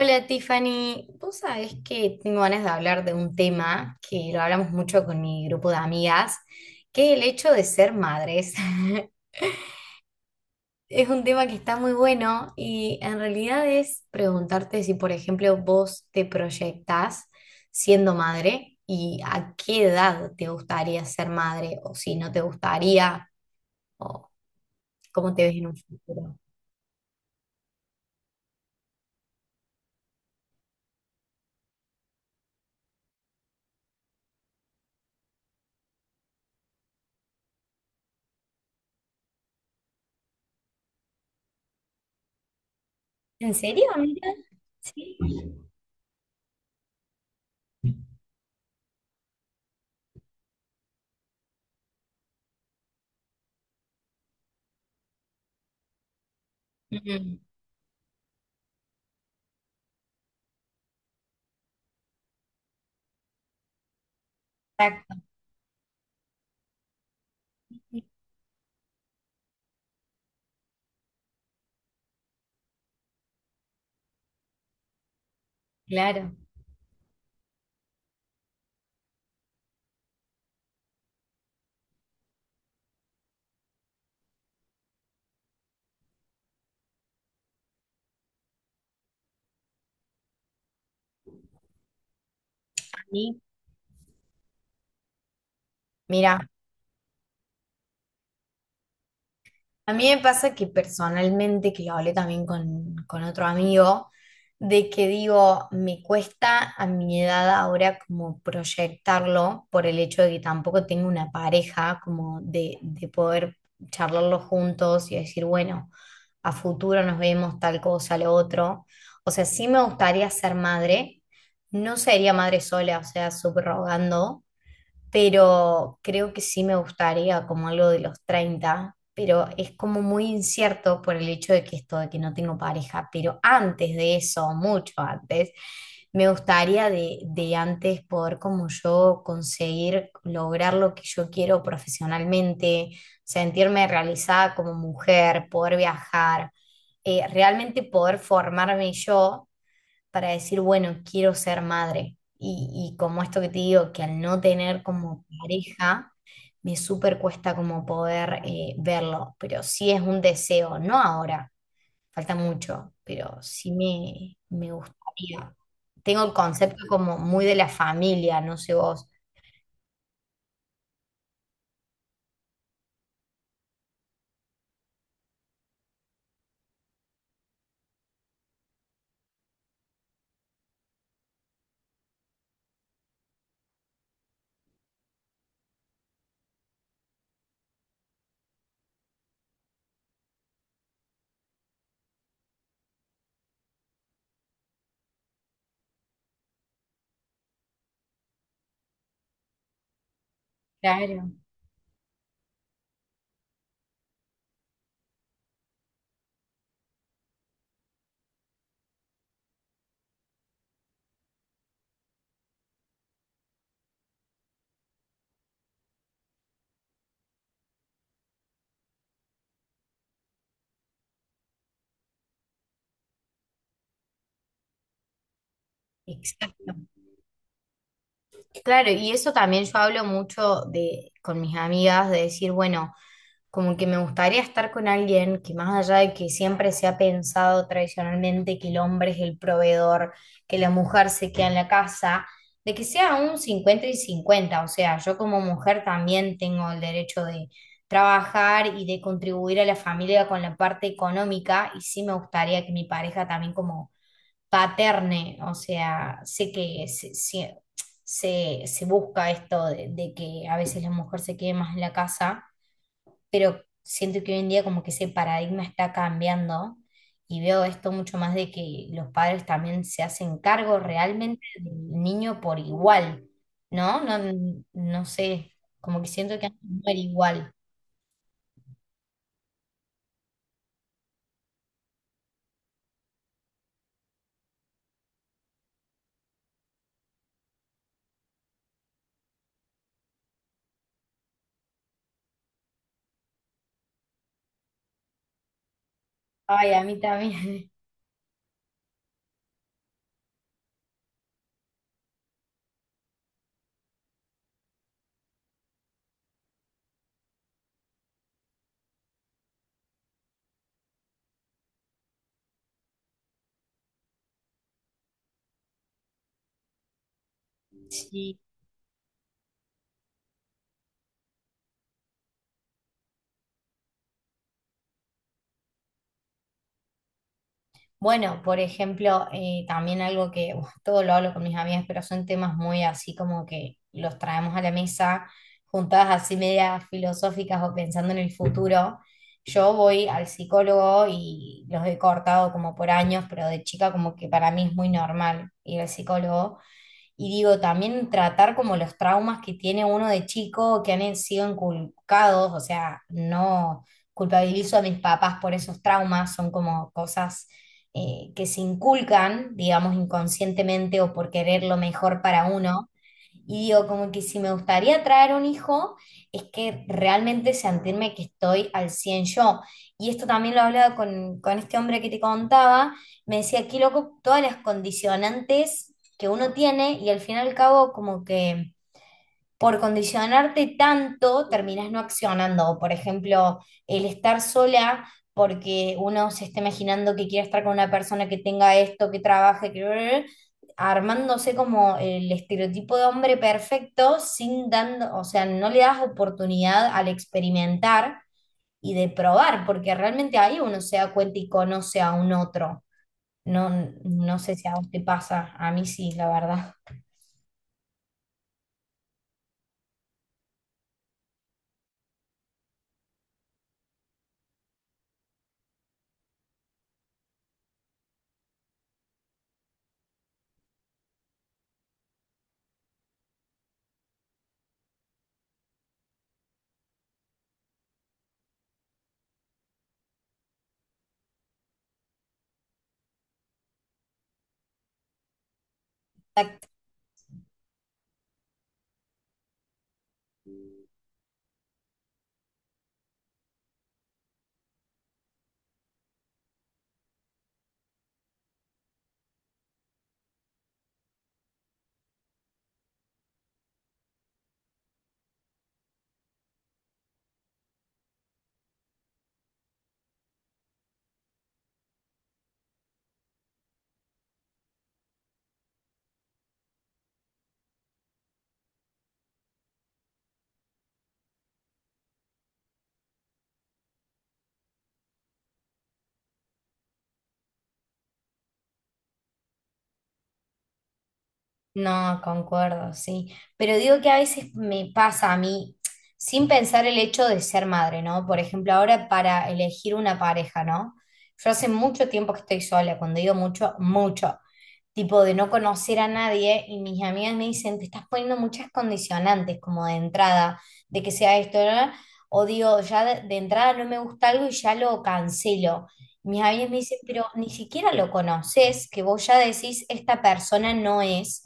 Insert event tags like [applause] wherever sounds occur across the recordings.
Hola Tiffany, vos sabés que tengo ganas de hablar de un tema que lo hablamos mucho con mi grupo de amigas, que es el hecho de ser madres. [laughs] Es un tema que está muy bueno y en realidad es preguntarte si, por ejemplo, vos te proyectás siendo madre y a qué edad te gustaría ser madre o si no te gustaría o cómo te ves en un futuro. ¿En serio, amiga? Sí. Mm. Exacto. Claro. A mí, mira. A mí me pasa que personalmente, que lo hablé también con otro amigo, de que digo, me cuesta a mi edad ahora como proyectarlo por el hecho de que tampoco tengo una pareja, como de poder charlarlo juntos y decir, bueno, a futuro nos vemos tal cosa, lo otro. O sea, sí me gustaría ser madre, no sería madre sola, o sea, subrogando, pero creo que sí me gustaría como algo de los 30, pero es como muy incierto por el hecho de que esto, de que no tengo pareja, pero antes de eso, mucho antes, me gustaría de antes poder como yo conseguir lograr lo que yo quiero profesionalmente, sentirme realizada como mujer, poder viajar, realmente poder formarme yo para decir, bueno, quiero ser madre. Y como esto que te digo, que al no tener como pareja, me súper cuesta como poder verlo, pero sí es un deseo, no ahora, falta mucho, pero sí me gustaría. Tengo el concepto como muy de la familia, no sé vos. Claro. Exacto. Claro, y eso también yo hablo mucho con mis amigas de decir, bueno, como que me gustaría estar con alguien que más allá de que siempre se ha pensado tradicionalmente que el hombre es el proveedor, que la mujer se queda en la casa, de que sea un 50 y cincuenta, o sea, yo como mujer también tengo el derecho de trabajar y de contribuir a la familia con la parte económica y sí me gustaría que mi pareja también como paterne, o sea, sé que se busca esto de que a veces la mujer se quede más en la casa, pero siento que hoy en día como que ese paradigma está cambiando y veo esto mucho más de que los padres también se hacen cargo realmente del niño por igual, ¿no? No, no sé, como que siento que antes no era igual. Ay, a mí también. [laughs] Sí. Bueno, por ejemplo, también algo que uf, todo lo hablo con mis amigas, pero son temas muy así como que los traemos a la mesa, juntadas así medias filosóficas o pensando en el futuro. Yo voy al psicólogo y los he cortado como por años, pero de chica como que para mí es muy normal ir al psicólogo. Y digo, también tratar como los traumas que tiene uno de chico, que han sido inculcados, o sea, no culpabilizo a mis papás por esos traumas, son como cosas que se inculcan, digamos, inconscientemente o por querer lo mejor para uno. Y digo, como que si me gustaría traer un hijo, es que realmente sentirme que estoy al 100 yo. Y esto también lo hablaba con este hombre que te contaba, me decía, aquí loco, todas las condicionantes que uno tiene y al fin y al cabo como que por condicionarte tanto, terminás no accionando. Por ejemplo, el estar sola porque uno se está imaginando que quiere estar con una persona que tenga esto, que trabaje, armándose como el estereotipo de hombre perfecto sin dando, o sea, no le das oportunidad al experimentar y de probar, porque realmente ahí uno se da cuenta y conoce a un otro. No, no sé si a vos te pasa, a mí sí, la verdad. No, concuerdo, sí. Pero digo que a veces me pasa a mí, sin pensar el hecho de ser madre, ¿no? Por ejemplo, ahora para elegir una pareja, ¿no? Yo hace mucho tiempo que estoy sola, cuando digo mucho, mucho. Tipo de no conocer a nadie y mis amigas me dicen, te estás poniendo muchas condicionantes, como de entrada, de que sea esto, ¿no? O digo, ya de entrada no me gusta algo y ya lo cancelo. Mis amigas me dicen, pero ni siquiera lo conoces, que vos ya decís, esta persona no es,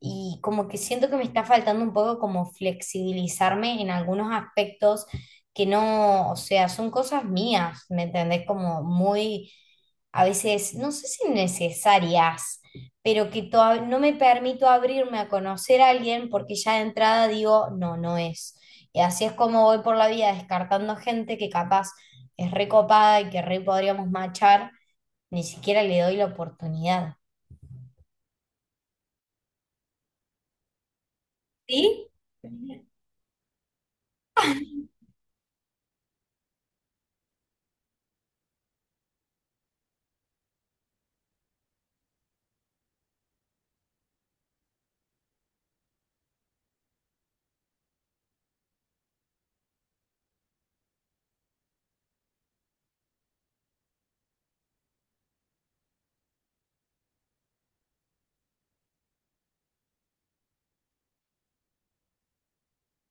y como que siento que me está faltando un poco como flexibilizarme en algunos aspectos que no, o sea, son cosas mías, ¿me entendés? Como muy, a veces, no sé si necesarias, pero que no me permito abrirme a conocer a alguien porque ya de entrada digo, no, no es. Y así es como voy por la vida descartando gente que capaz es recopada y que re podríamos machar, ni siquiera le doy la oportunidad. ¿Sí?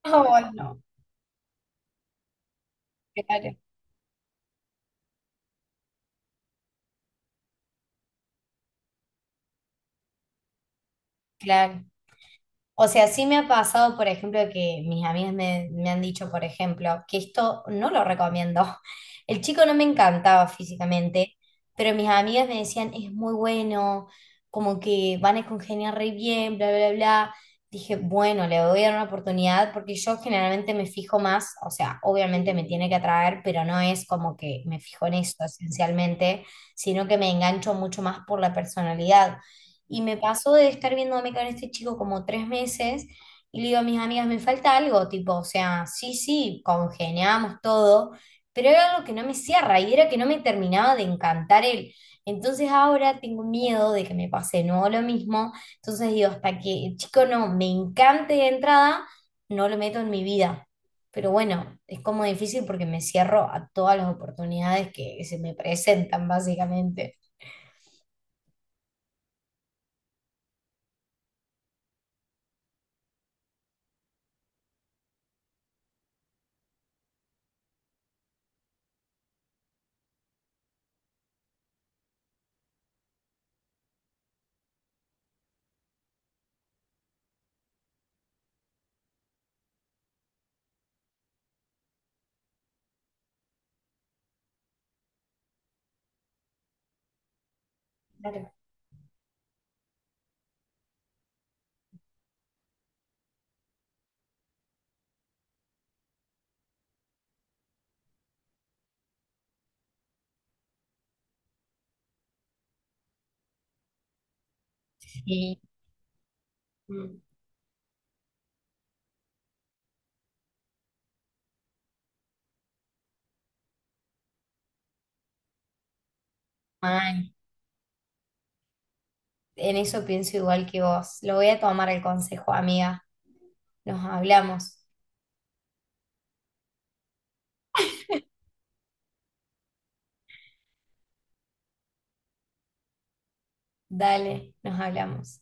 [laughs] Ay, no. Claro, claro. O sea, sí me ha pasado, por ejemplo, que mis amigas me han dicho, por ejemplo, que esto no lo recomiendo. [laughs] El chico no me encantaba físicamente, pero mis amigas me decían, es muy bueno, como que van a congeniar re bien, bla, bla, bla. Dije, bueno, le voy a dar una oportunidad porque yo generalmente me fijo más, o sea, obviamente me tiene que atraer, pero no es como que me fijo en eso esencialmente, sino que me engancho mucho más por la personalidad. Y me pasó de estar viéndome con este chico como 3 meses y le digo a mis amigas, me falta algo, tipo, o sea, sí, sí, congeniamos todo, pero era algo que no me cierra y era que no me terminaba de encantar él. Entonces ahora tengo miedo de que me pase de nuevo lo mismo. Entonces digo, hasta que el chico no me encante de entrada, no lo meto en mi vida. Pero bueno, es como difícil porque me cierro a todas las oportunidades que se me presentan, básicamente. Claro. Sí. Mm. Mal. En eso pienso igual que vos. Lo voy a tomar el consejo, amiga. Nos hablamos. Dale, nos hablamos.